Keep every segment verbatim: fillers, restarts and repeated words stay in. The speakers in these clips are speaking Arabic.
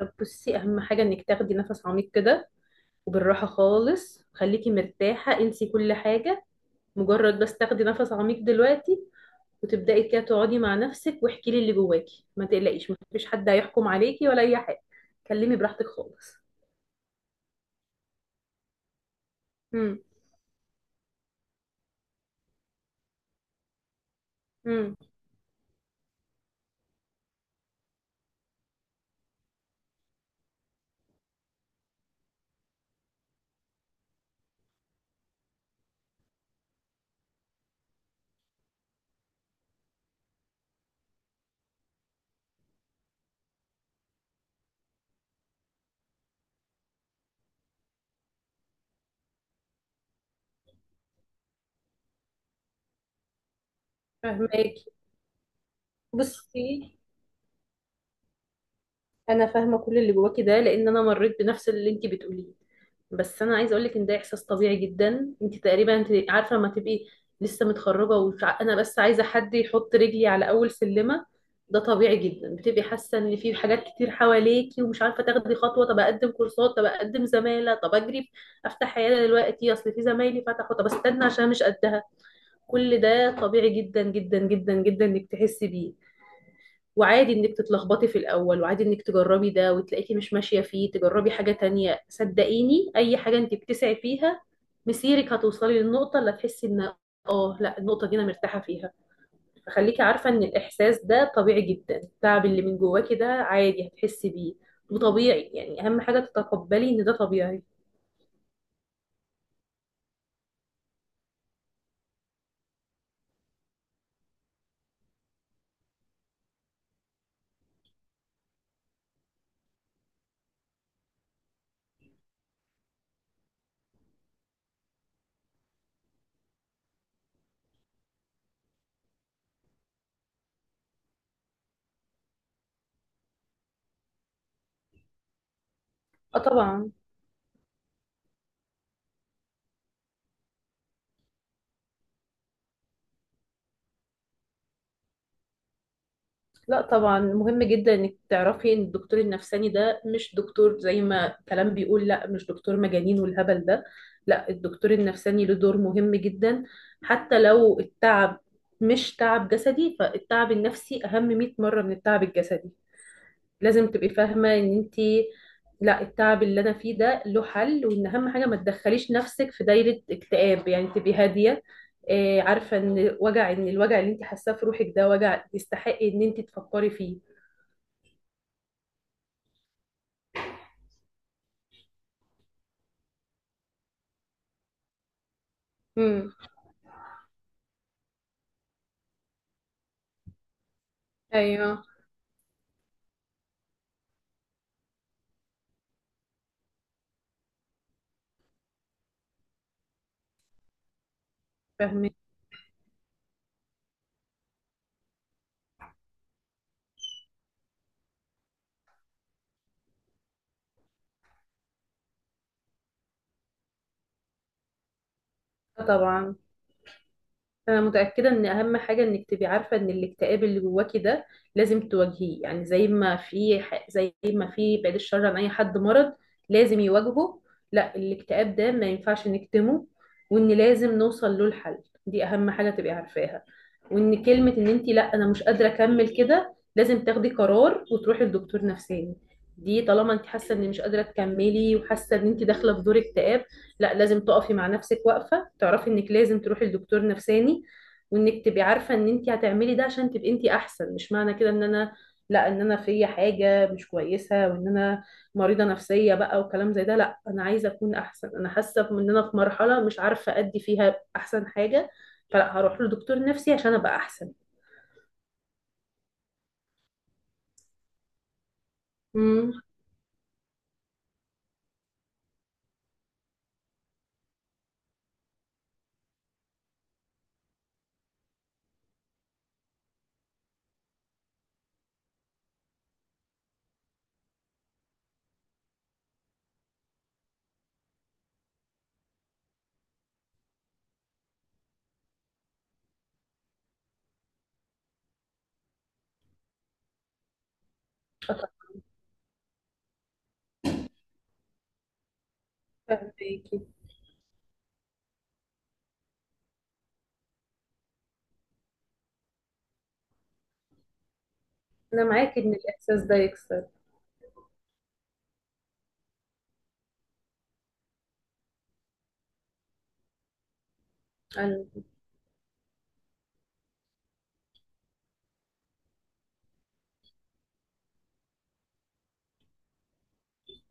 طب بصي، اهم حاجه انك تاخدي نفس عميق كده، وبالراحه خالص، خليكي مرتاحه، انسي كل حاجه، مجرد بس تاخدي نفس عميق دلوقتي، وتبداي كده تقعدي مع نفسك واحكي لي اللي جواكي. ما تقلقيش، ما فيش حد هيحكم عليكي ولا اي حاجه. كلمي براحتك خالص. امم. امم. فهماكي. بصي، انا فاهمه كل اللي جواكي ده، لان انا مريت بنفس اللي انت بتقوليه. بس انا عايزه اقول لك ان ده احساس طبيعي جدا. انت تقريبا انت عارفه لما تبقي لسه متخرجه، وانا بس عايزه حد يحط رجلي على اول سلمه. ده طبيعي جدا، بتبقي حاسه ان في حاجات كتير حواليكي ومش عارفه تاخدي خطوه. طب اقدم كورسات، طب اقدم زماله، طب اجري افتح عياده دلوقتي، اصل في زمايلي فتحوا، طب استنى عشان مش قدها. كل ده طبيعي جدا جدا جدا جدا انك تحسي بيه. وعادي انك تتلخبطي في الاول، وعادي انك تجربي ده وتلاقيكي مش ماشيه فيه تجربي حاجه تانية. صدقيني اي حاجه انت بتسعي فيها، مسيرك هتوصلي للنقطه اللي هتحسي ان اه لا، النقطه دي انا مرتاحه فيها. فخليكي عارفه ان الاحساس ده طبيعي جدا. التعب اللي من جواكي ده عادي هتحسي بيه وطبيعي. يعني اهم حاجه تتقبلي ان ده طبيعي. اه طبعا. لا طبعا، مهم جدا انك تعرفي ان الدكتور النفساني ده مش دكتور زي ما كلام بيقول. لا، مش دكتور مجانين والهبل ده. لا، الدكتور النفساني له دور مهم جدا. حتى لو التعب مش تعب جسدي، فالتعب النفسي اهم 100 مرة من التعب الجسدي. لازم تبقي فاهمة ان انت، لا، التعب اللي انا فيه ده له حل، وان اهم حاجة ما تدخليش نفسك في دايرة اكتئاب، يعني تبقي هادية. آه، عارفة ان وجع، ان الوجع اللي انت حاساه في روحك ده وجع يستحق ان انت تفكري فيه. امم. ايوه فاهمك. آه، طبعا. انا متاكده ان اهم حاجه انك تبقي عارفه ان الاكتئاب اللي جواكي ده لازم تواجهيه. يعني زي ما في ح- زي ما في بعيد الشر عن اي حد مرض لازم يواجهه. لا، الاكتئاب ده ما ينفعش نكتمه، وان لازم نوصل له الحل، دي اهم حاجه تبقي عارفاها. وان كلمه ان انت لا انا مش قادره اكمل كده، لازم تاخدي قرار وتروحي لدكتور نفساني. دي طالما انت حاسه ان مش قادره تكملي، وحاسه ان انت داخله في دور اكتئاب، لا لازم تقفي مع نفسك واقفة تعرفي انك لازم تروحي لدكتور نفساني. وانك تبقي عارفة ان انت هتعملي ده عشان تبقي انت احسن، مش معنى كده ان انا، لا، ان انا في حاجة مش كويسة وان انا مريضة نفسية بقى وكلام زي ده. لا، انا عايزة اكون احسن. انا حاسة ان انا في مرحلة مش عارفة ادي فيها احسن حاجة، فلا هروح لدكتور نفسي عشان ابقى احسن. امم. فاهماكي. انا معاكي ان الاحساس ده يكسر.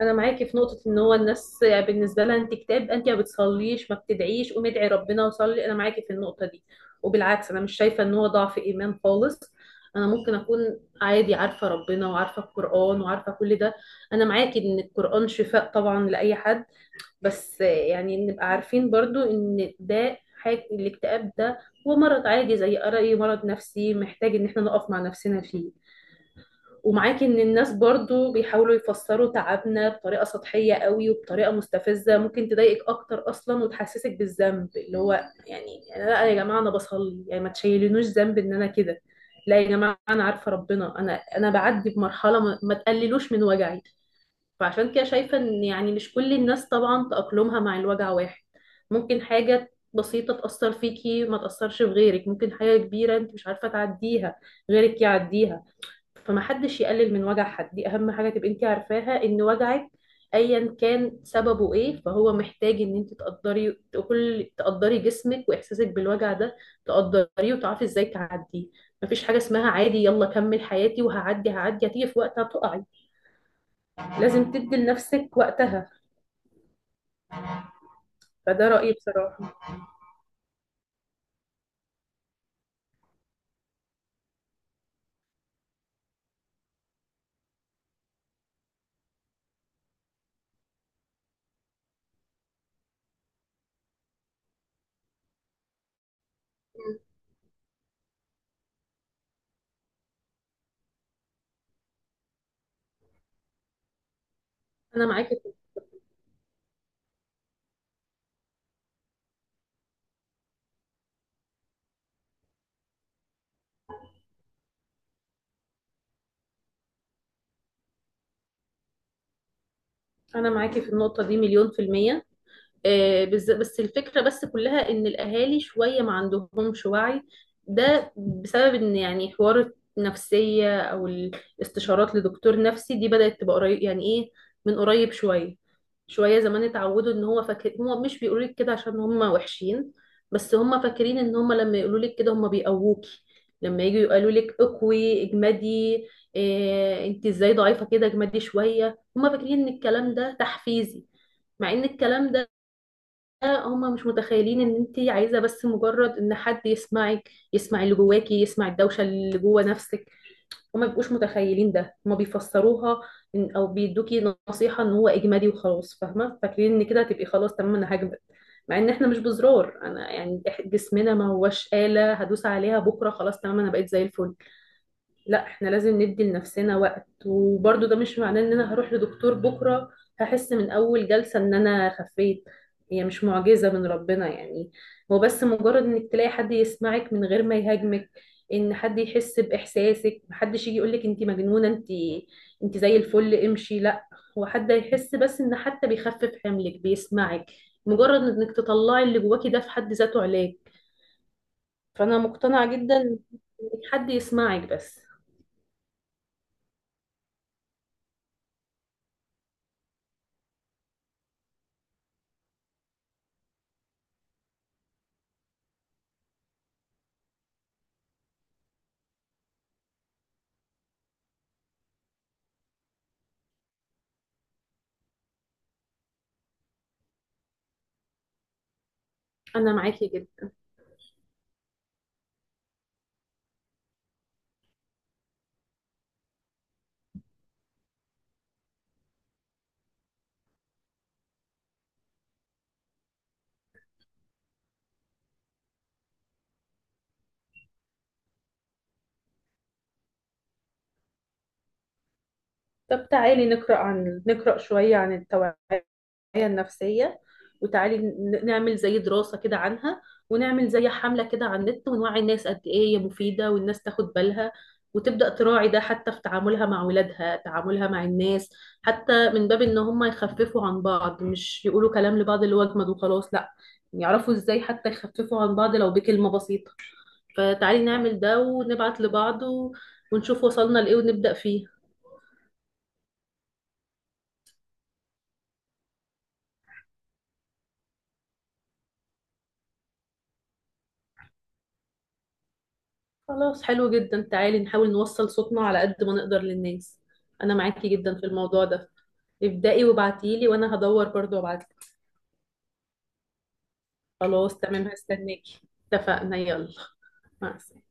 انا معاكي في نقطه ان هو الناس بالنسبه لها انت كتاب، انت ما بتصليش ما بتدعيش قومي ادعي ربنا وصلي، انا معاكي في النقطه دي. وبالعكس، انا مش شايفه ان هو ضعف ايمان خالص. انا ممكن اكون عادي عارفه ربنا وعارفه القران وعارفه كل ده. انا معاكي ان القران شفاء طبعا لاي حد، بس يعني نبقى عارفين برضو ان ده حاجه، الاكتئاب ده هو مرض عادي زي اي مرض نفسي محتاج ان احنا نقف مع نفسنا فيه. ومعاكي ان الناس برضو بيحاولوا يفسروا تعبنا بطريقة سطحية قوي وبطريقة مستفزة ممكن تضايقك اكتر اصلا وتحسسك بالذنب، اللي هو يعني يعني لا يا جماعة انا بصلي، يعني ما تشيلونوش ذنب ان انا كده. لا يا جماعة انا عارفة ربنا، انا انا بعدي بمرحلة، ما, ما تقللوش من وجعي. فعشان كده شايفة ان يعني مش كل الناس طبعا تأقلمها مع الوجع واحد. ممكن حاجة بسيطة تأثر فيكي ما تأثرش في غيرك، ممكن حاجة كبيرة انت مش عارفة تعديها غيرك يعديها. فما حدش يقلل من وجع حد، دي اهم حاجه تبقي انت عارفاها. ان وجعك ايا كان سببه ايه، فهو محتاج ان انت تقدري، كل تقدري جسمك واحساسك بالوجع ده، تقدريه وتعرفي ازاي تعديه. مفيش حاجه اسمها عادي يلا كمل حياتي وهعدي، هعدي هتيجي في وقتها تقعي. لازم تدي لنفسك وقتها. فده رايي بصراحه. انا معاكي. انا معاكي في النقطه دي مليون في الميه. آه، بس بس الفكرة بس كلها ان الاهالي شوية ما عندهمش وعي. ده بسبب ان يعني حوار النفسية او الاستشارات لدكتور نفسي دي بدأت تبقى قريب، يعني ايه، من قريب شوية. شوية زمان اتعودوا ان هو فاكر، هو مش بيقولوا لك كده عشان هم وحشين، بس هم فاكرين ان هم لما يقولوا لك كده هم بيقووكي. لما يجوا يقولوا لك اقوي اجمدي، إيه انت ازاي ضعيفة كده اجمدي شوية، هم فاكرين ان الكلام ده تحفيزي. مع ان الكلام ده، هما مش متخيلين ان انت عايزه بس مجرد ان حد يسمعك، يسمع اللي جواكي، يسمع الدوشه اللي جوا نفسك. هما مبيبقوش متخيلين ده، هما بيفسروها إن- او بيدوكي نصيحه ان هو اجمالي وخلاص فاهمه، فاكرين ان كده هتبقي خلاص تمام انا هجمد. مع ان احنا مش بزرار، انا يعني إح- جسمنا ما هوش آلة هدوس عليها بكره خلاص تمام انا بقيت زي الفل. لا، احنا لازم ندي لنفسنا وقت. وبرضو ده مش معناه ان انا هروح لدكتور بكرة هحس من اول جلسة ان انا خفيت، هي مش معجزة من ربنا يعني. هو بس مجرد انك تلاقي حد يسمعك من غير ما يهاجمك، ان حد يحس باحساسك، محدش يجي يقولك انت مجنونة، انت انت زي الفل امشي، لا. هو حد يحس بس، ان حتى بيخفف حملك بيسمعك، مجرد انك تطلعي اللي جواكي ده في حد ذاته علاج. فانا مقتنعة جدا انك حد يسمعك بس. انا معاكي جدا. طب تعالي نقرأ عن نقرأ شوية عن التوعية النفسية. وتعالي ن- نعمل زي دراسة كده عنها، ونعمل زي حملة كده على النت ونوعي الناس قد إيه هي مفيدة، والناس تاخد بالها وتبدأ تراعي ده حتى في تعاملها مع ولادها، تعاملها مع الناس. حتى من باب إن هم يخففوا عن بعض، مش يقولوا كلام لبعض اللي هو أجمد وخلاص لأ، يعرفوا إزاي حتى يخففوا عن بعض لو بكلمة بسيطة. فتعالي نعمل ده ونبعت لبعض، و- ونشوف وصلنا لإيه ونبدأ فيه. خلاص حلو جدا، تعالي نحاول نوصل صوتنا على قد ما نقدر للناس. انا معاكي جدا في الموضوع ده. ابدأي وابعتيلي وانا هدور برضو وابعتلك. خلاص تمام، هستناكي. اتفقنا، يلا، مع السلامة.